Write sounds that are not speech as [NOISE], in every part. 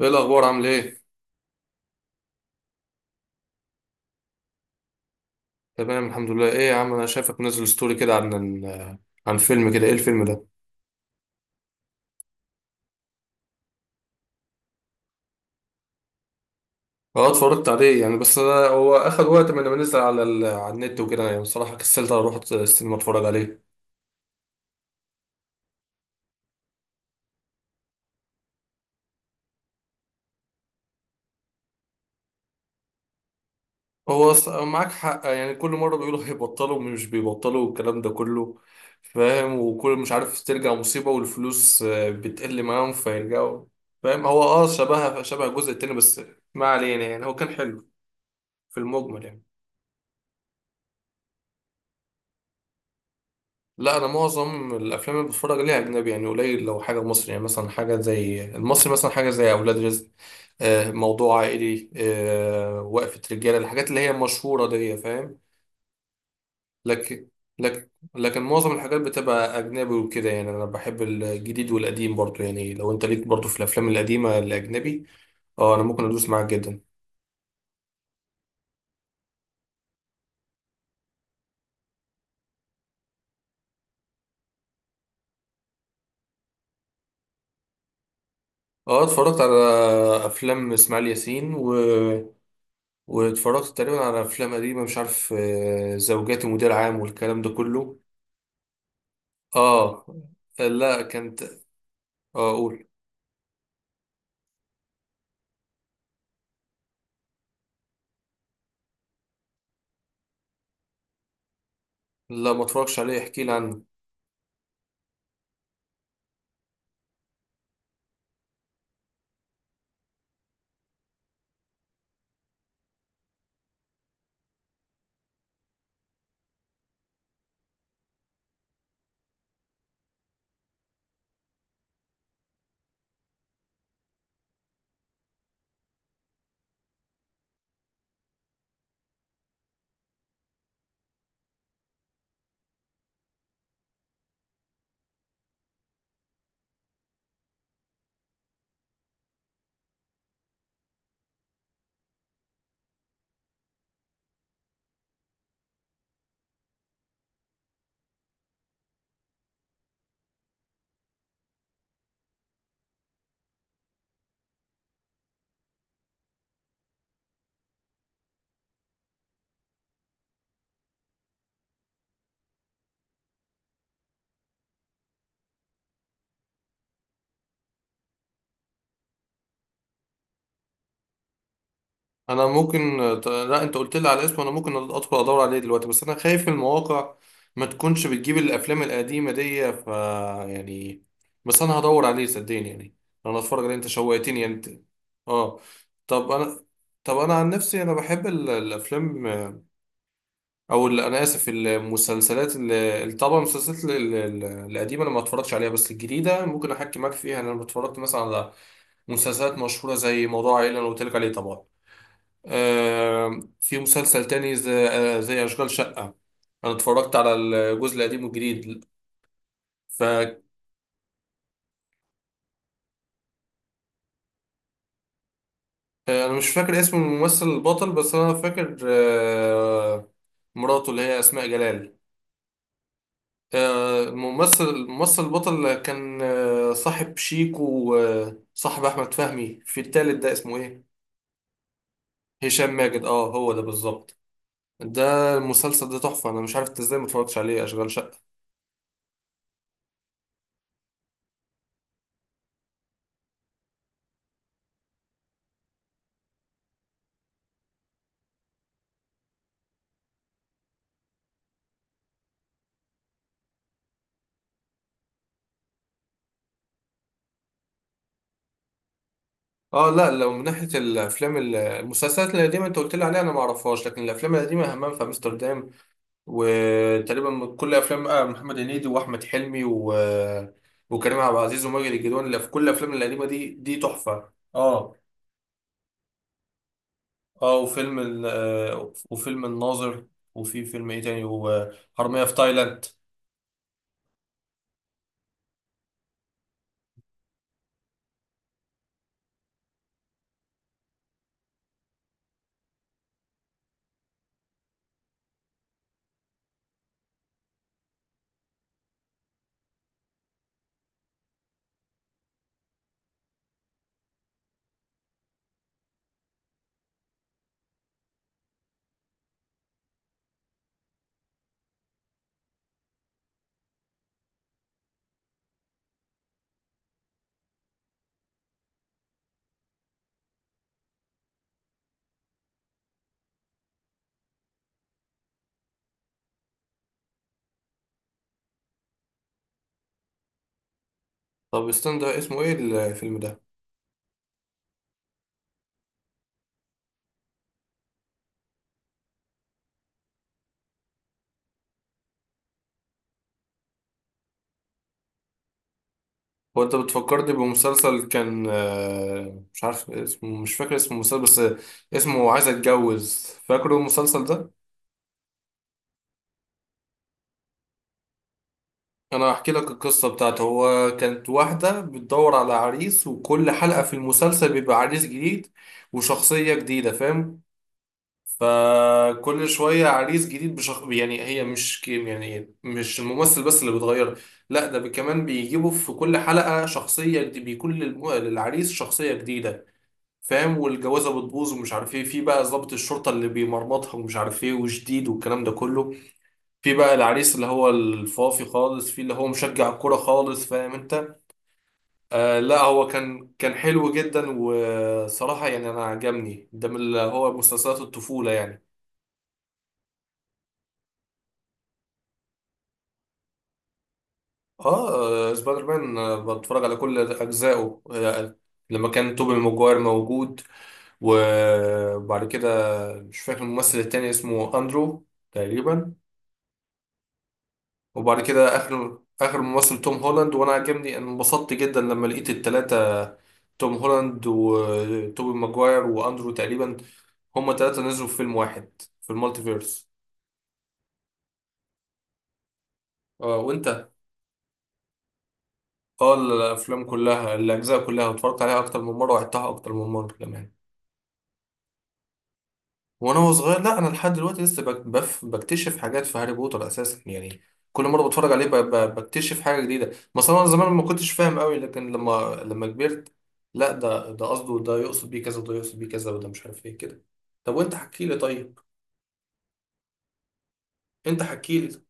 ايه الاخبار؟ عامل ايه؟ تمام، الحمد لله. ايه يا عم، انا شايفك منزل ستوري كده عن عن فيلم كده. ايه الفيلم ده؟ اه، اتفرجت عليه يعني. بس انا هو اخد وقت من لما نزل على النت وكده، يعني بصراحه كسلت اروح السينما اتفرج عليه. هو معاك حق. يعني كل مره بيقولوا هيبطلوا، مش بيبطلوا والكلام ده كله. فاهم؟ وكل مش عارف ترجع مصيبه، والفلوس بتقل معاهم فيرجعوا. فاهم؟ هو شبه الجزء التاني بس. ما علينا، يعني هو كان حلو في المجمل يعني. لا، انا معظم الافلام اللي بتفرج عليها اجنبي. يعني قليل لو حاجه مصري، يعني مثلا حاجه زي المصري، مثلا حاجه زي اولاد رزق. موضوع عائلي، وقفه رجاله، الحاجات اللي هي مشهوره دي. فاهم؟ لكن لكن لكن معظم الحاجات بتبقى اجنبي وكده. يعني انا بحب الجديد والقديم برضو، يعني لو انت ليك برضو في الافلام القديمه الاجنبي. اه، انا ممكن ادوس معاك جدا. اه، اتفرجت على افلام اسماعيل ياسين واتفرجت تقريبا على افلام قديمه مش عارف زوجاتي مدير عام والكلام ده كله. اه. لا كانت. اه، اقول. لا، ما اتفرجش عليه، احكي لي عنه. انا ممكن لا، انت قلت لي على اسمه. انا ممكن ادخل ادور عليه دلوقتي، بس انا خايف المواقع ما تكونش بتجيب الافلام القديمه دي. يعني، بس انا هدور عليه صدقني يعني. انا اتفرج عليه، انت شوقتني يعني انت. اه. طب انا طب انا عن نفسي انا بحب الافلام، او اللي انا اسف، المسلسلات اللي طبعا المسلسلات ال- القديمه انا ما اتفرجتش عليها. بس الجديده ممكن احكي معاك فيها. انا اتفرجت مثلا على مسلسلات مشهوره زي موضوع عائله اللي قلت لك عليه طبعا. في مسلسل تاني زي اشغال شقه. انا اتفرجت على الجزء القديم والجديد. ف آه، انا مش فاكر اسم الممثل البطل. بس انا فاكر مراته اللي هي اسماء جلال. الممثل البطل كان صاحب شيكو وصاحب احمد فهمي. في التالت ده اسمه ايه؟ هشام ماجد، اه هو ده بالظبط. ده المسلسل ده تحفه. انا مش عارف انت ازاي ما اتفرجتش عليه اشغال شقه. اه، لا، لو من ناحيه الافلام المسلسلات القديمه انت قلت لي عليها، انا ما اعرفهاش. لكن الافلام القديمه، همام في امستردام، وتقريبا كل افلام محمد هنيدي واحمد حلمي وكريم عبد العزيز وماجد الكدواني اللي في كل الافلام القديمه دي، دي تحفه. اه، اه، وفيلم ال آه، وفيلم الناظر، وفي فيلم ايه تاني، وحرامية في تايلاند. طب استنى، ده اسمه ايه الفيلم ده؟ هو انت بتفكرني بمسلسل كان مش عارف اسمه، مش فاكر اسم المسلسل. بس اسمه "عايز اتجوز"، فاكره المسلسل ده؟ انا هحكي لك القصة بتاعته. هو كانت واحدة بتدور على عريس، وكل حلقة في المسلسل بيبقى عريس جديد وشخصية جديدة، فاهم؟ فكل شوية عريس جديد يعني هي مش كيم، يعني مش الممثل بس اللي بيتغير. لا، ده كمان بيجيبوا في كل حلقة شخصية بيكون للعريس شخصية جديدة. فاهم؟ والجوازة بتبوظ ومش عارف ايه، في بقى ضابط الشرطة اللي بيمرمطها، ومش عارف ايه، وجديد، والكلام ده كله. في بقى العريس اللي هو الفافي خالص، في اللي هو مشجع الكورة خالص، فاهم انت؟ آه، لا، هو كان حلو جدا. وصراحة يعني انا عجبني ده من اللي هو مسلسلات الطفولة يعني. اه، سبايدر مان، بتفرج على كل اجزائه لما كان توبي ماجواير موجود. وبعد كده، مش فاكر الممثل التاني، اسمه اندرو تقريبا. وبعد كده، اخر ممثل توم هولاند، وانا عجبني. أنا انبسطت جدا لما لقيت التلاتة، توم هولاند وتوبي ماجواير واندرو تقريبا، هما تلاتة نزلوا في فيلم واحد في المالتيفيرس. اه. وانت؟ اه، الافلام كلها، الاجزاء كلها اتفرجت عليها اكتر من مرة، وعدتها اكتر من مرة كمان. وأنا صغير، لا، انا لحد دلوقتي لسه بكتشف حاجات في هاري بوتر اساسا يعني. كل مره بتفرج عليه بكتشف حاجه جديده. مثلا انا زمان ما كنتش فاهم قوي، لكن لما كبرت، لا، ده قصده، ده يقصد بيه كذا، وده يقصد بيه كذا، وده مش عارف ايه كده. طب وانت، حكي لي طيب. انت حكي لي.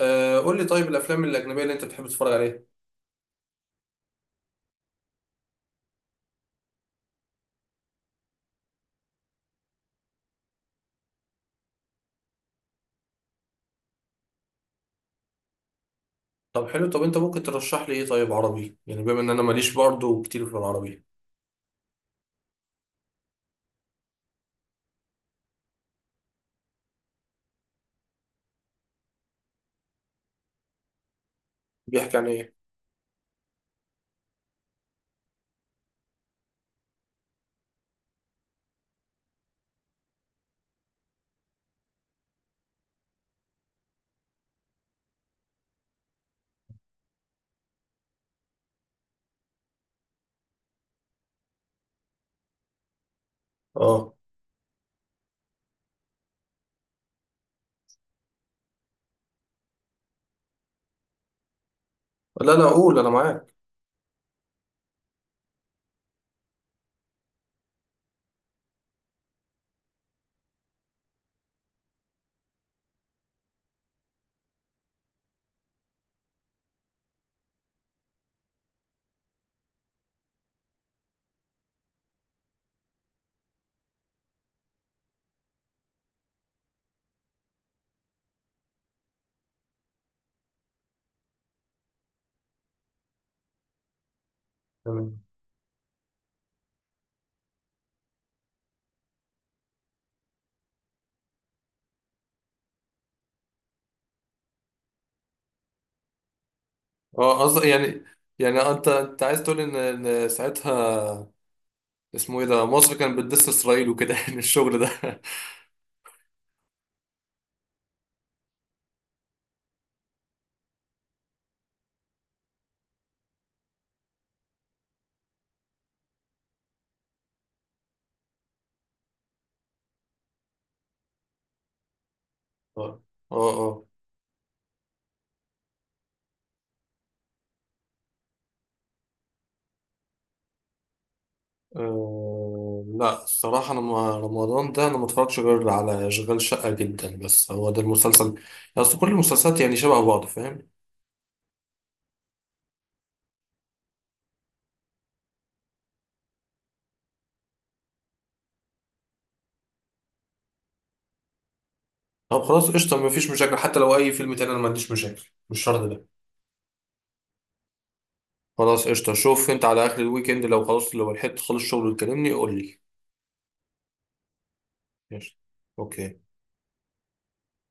قول لي طيب، الافلام الاجنبيه اللي انت بتحب تتفرج عليها؟ طب حلو. طب انت ممكن ترشح لي ايه طيب عربي؟ يعني بما ان انا ماليش برضه كتير في العربي. بيحكي عن ايه؟ اه، لا لا، قول، انا معاك. اه، قصدي يعني انت عايز تقول إن ساعتها اسمه ايه ده، مصر كانت بتدس اسرائيل وكده [LAUGHS] يعني الشغل ده. اه. اه. لا، الصراحة أنا رمضان ده أنا ما اتفرجتش غير على أشغال شقة جدا، بس هو ده المسلسل. أصل كل المسلسلات يعني شبه بعض، فاهم؟ طب خلاص قشطة، مفيش مشاكل. حتى لو أي فيلم تاني أنا ما عنديش مشاكل، مش شرط ده. خلاص قشطة. شوف أنت على آخر الويك إند، لو خلاص، لو لحقت خلص شغل وتكلمني، قول لي. قشطة. أوكي.